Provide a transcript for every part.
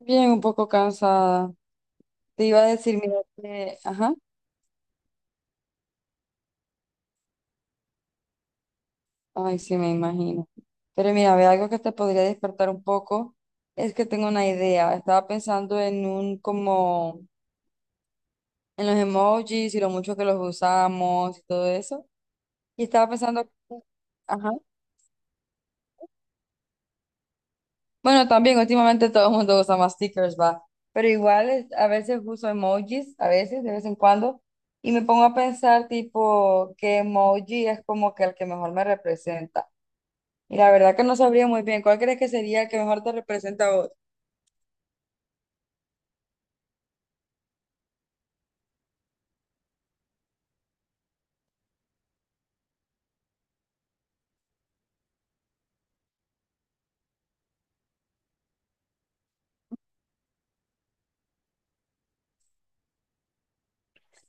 Bien, un poco cansada. Te iba a decir, mira, que- ajá, ay, sí, me imagino. Pero mira, ve algo que te podría despertar un poco, es que tengo una idea. Estaba pensando en un, como, en los emojis y lo mucho que los usamos y todo eso. Y estaba pensando, ajá. Bueno, también últimamente todo el mundo usa más stickers, va. Pero igual es- a veces uso emojis, a veces, de vez en cuando, y me pongo a pensar tipo qué emoji es como que el que mejor me representa. Y la verdad que no sabría muy bien cuál crees que sería el que mejor te representa a vos.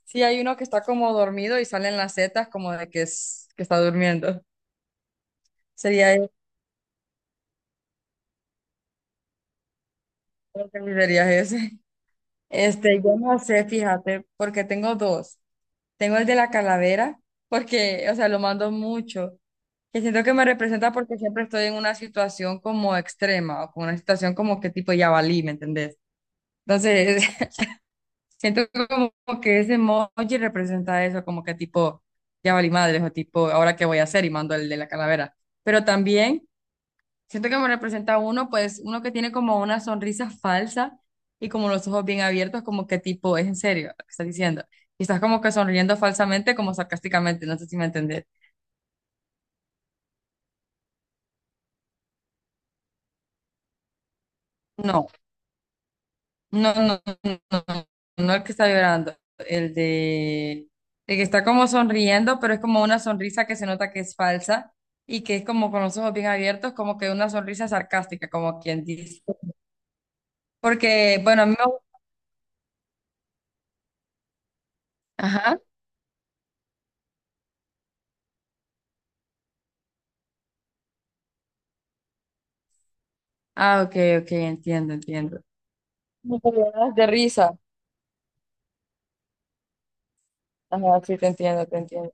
Sí, hay uno que está como dormido y salen las setas como de que, es, que está durmiendo. Sería ese, creo que sería ese. Este, yo no sé, fíjate, porque tengo dos. Tengo el de la calavera, porque, o sea, lo mando mucho. Que siento que me representa porque siempre estoy en una situación como extrema o con una situación como que tipo ya valí, ¿me entendés? Entonces, siento como que ese emoji representa eso, como que tipo ya valí madres o tipo ahora qué voy a hacer y mando el de la calavera. Pero también siento que me representa uno, pues uno que tiene como una sonrisa falsa y como los ojos bien abiertos, como que tipo es en serio lo que estás diciendo. Y estás como que sonriendo falsamente, como sarcásticamente, no sé si me entendés. No. No, no, no, no, no el que está llorando, el de, el que está como sonriendo, pero es como una sonrisa que se nota que es falsa y que es como con los ojos bien abiertos, como que una sonrisa sarcástica, como quien dice. Porque, bueno, a mí me... Ajá. Ah, ok, ok, entiendo, entiendo. Como que lloras de risa. Ajá, sí, te entiendo, te entiendo.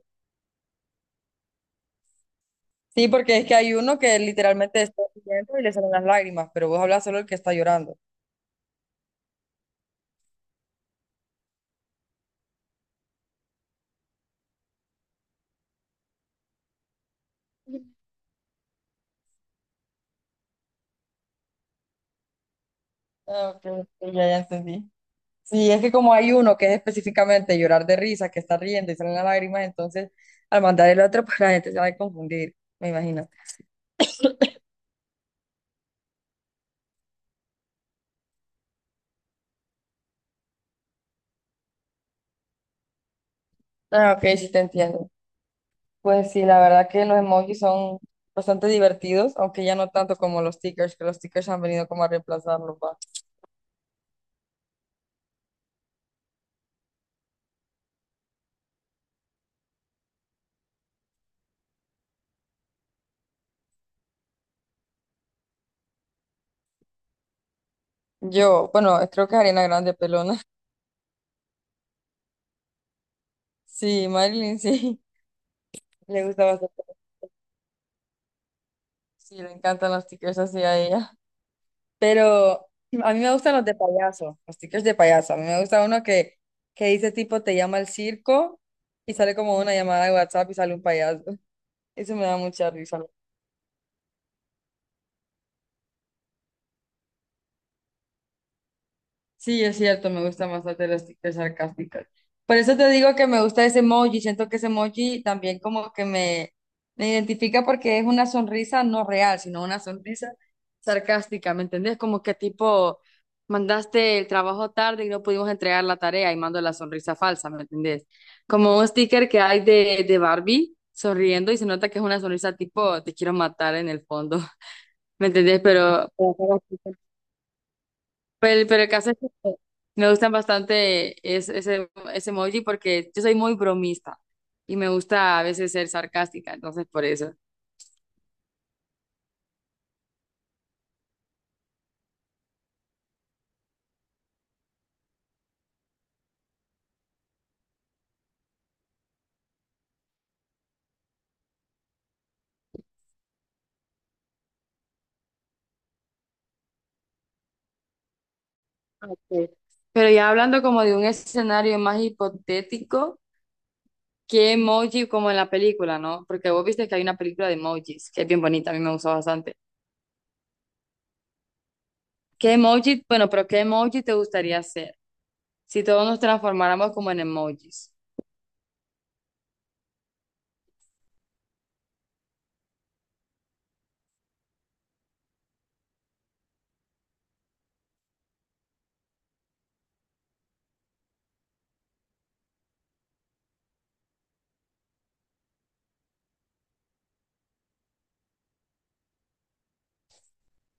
Sí, porque es que hay uno que literalmente está riendo y le salen las lágrimas, pero vos hablas solo el que está llorando. Ah, ok, ok, ya, ya entendí. Sí, es que como hay uno que es específicamente llorar de risa, que está riendo y salen las lágrimas, entonces al mandar el otro, pues la gente se va a confundir, me imagino. Ah, ok, sí te entiendo. Pues sí, la verdad que los emojis son bastante divertidos, aunque ya no tanto como los stickers, que los stickers han venido como a reemplazarlos, va. Yo, bueno, creo que Ariana Grande pelona. Sí, Marilyn sí, le gusta bastante. Sí, le encantan los stickers así a ella. Pero a mí me gustan los de payaso, los stickers de payaso. A mí me gusta uno que dice tipo, te llama el circo y sale como una llamada de WhatsApp y sale un payaso. Eso me da mucha risa. Sí, es cierto, me gustan bastante las TikToks sarcásticas. Por eso te digo que me gusta ese emoji, siento que ese emoji también como que me identifica porque es una sonrisa no real, sino una sonrisa sarcástica, ¿me entendés? Como que tipo, mandaste el trabajo tarde y no pudimos entregar la tarea y mando la sonrisa falsa, ¿me entendés? Como un sticker que hay de Barbie sonriendo y se nota que es una sonrisa tipo, te quiero matar en el fondo, ¿me entendés? Pero el caso es que me gustan bastante es- ese emoji porque yo soy muy bromista y me gusta a veces ser sarcástica, entonces por eso. Ok. Pero ya hablando como de un escenario más hipotético, ¿qué emoji como en la película, no? Porque vos viste que hay una película de emojis que es bien bonita, a mí me gustó bastante. ¿Qué emoji, bueno, pero qué emoji te gustaría ser si todos nos transformáramos como en emojis?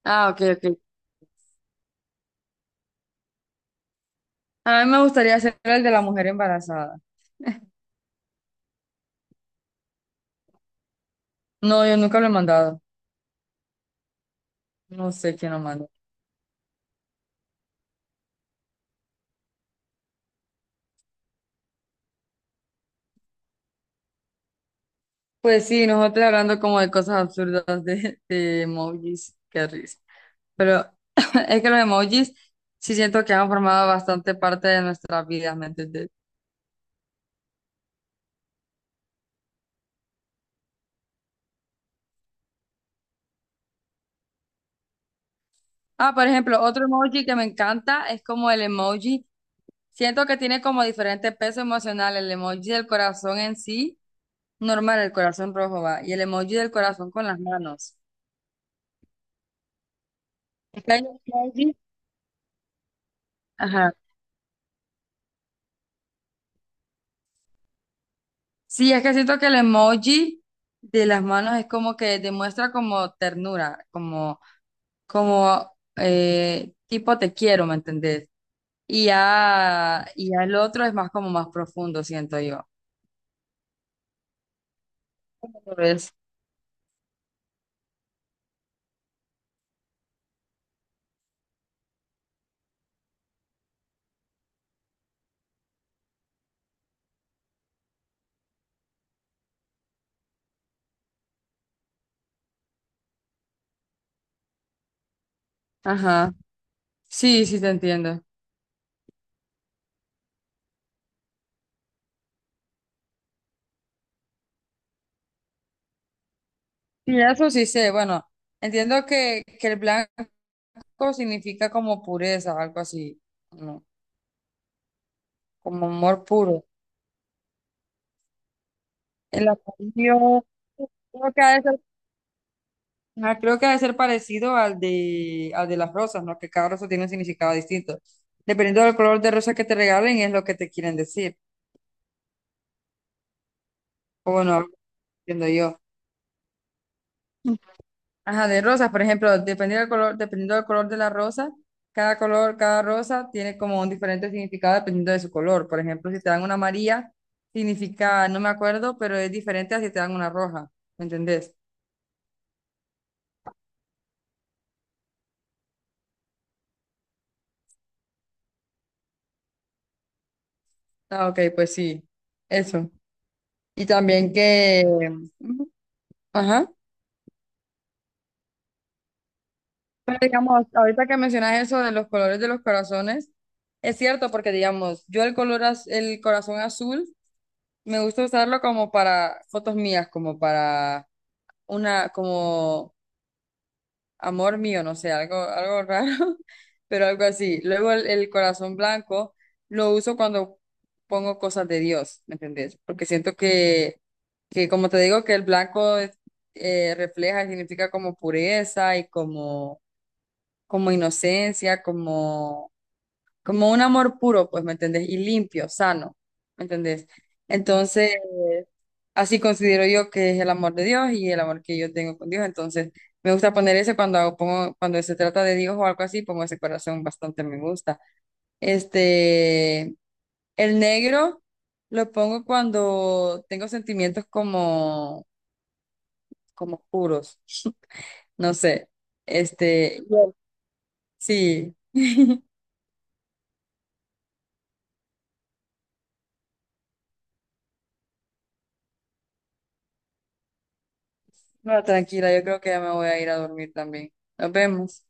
Ah, ok, ok. A mí me gustaría ser el de la mujer embarazada. No, yo nunca lo he mandado. No sé quién lo mandó. Pues sí, nosotros hablando como de cosas absurdas de emojis, qué risa. Pero es que los emojis sí siento que han formado bastante parte de nuestras vidas, ¿me entendés? Ah, por ejemplo, otro emoji que me encanta es como el emoji. Siento que tiene como diferente peso emocional. El emoji del corazón en sí, normal, el corazón rojo va. Y el emoji del corazón con las manos. Es que hay emojis. Ajá. Sí, es que siento que el emoji de las manos es como que demuestra como ternura, como, como tipo te quiero, ¿me entendés? Y ya el otro es más como más profundo, siento yo. ¿Lo ves? Ajá. Sí, sí te entiendo. Y eso sí sé, bueno, entiendo que el blanco significa como pureza, algo así, ¿no? Como amor puro. El amarillo, creo que ha ah, creo que debe ser parecido al de las rosas, ¿no? Que cada rosa tiene un significado distinto. Dependiendo del color de rosa que te regalen, es lo que te quieren decir. O bueno, entiendo yo. Ajá, de rosas, por ejemplo, dependiendo del color de la rosa, cada color, cada rosa tiene como un diferente significado dependiendo de su color. Por ejemplo, si te dan una amarilla, significa, no me acuerdo, pero es diferente a si te dan una roja. ¿Me entendés? Ah, ok, pues sí. Eso. Y también que... Ujú. Ajá. Pero digamos, ahorita que mencionas eso de los colores de los corazones, es cierto porque digamos, yo el color, az- el corazón azul, me gusta usarlo como para fotos mías, como para una, como amor mío, no sé, algo, algo raro, pero algo así. Luego el corazón blanco lo uso cuando pongo cosas de Dios, ¿me entendés? Porque siento que como te digo, que el blanco refleja y significa como pureza y como como inocencia, como como un amor puro, pues, ¿me entendés? Y limpio, sano, ¿me entendés? Entonces, así considero yo que es el amor de Dios y el amor que yo tengo con Dios. Entonces, me gusta poner ese cuando hago- pongo, cuando se trata de Dios o algo así, pongo ese corazón bastante me gusta. Este, el negro lo pongo cuando tengo sentimientos como, como puros, no sé. Este, sí, no, tranquila, yo creo que ya me voy a ir a dormir también. Nos vemos.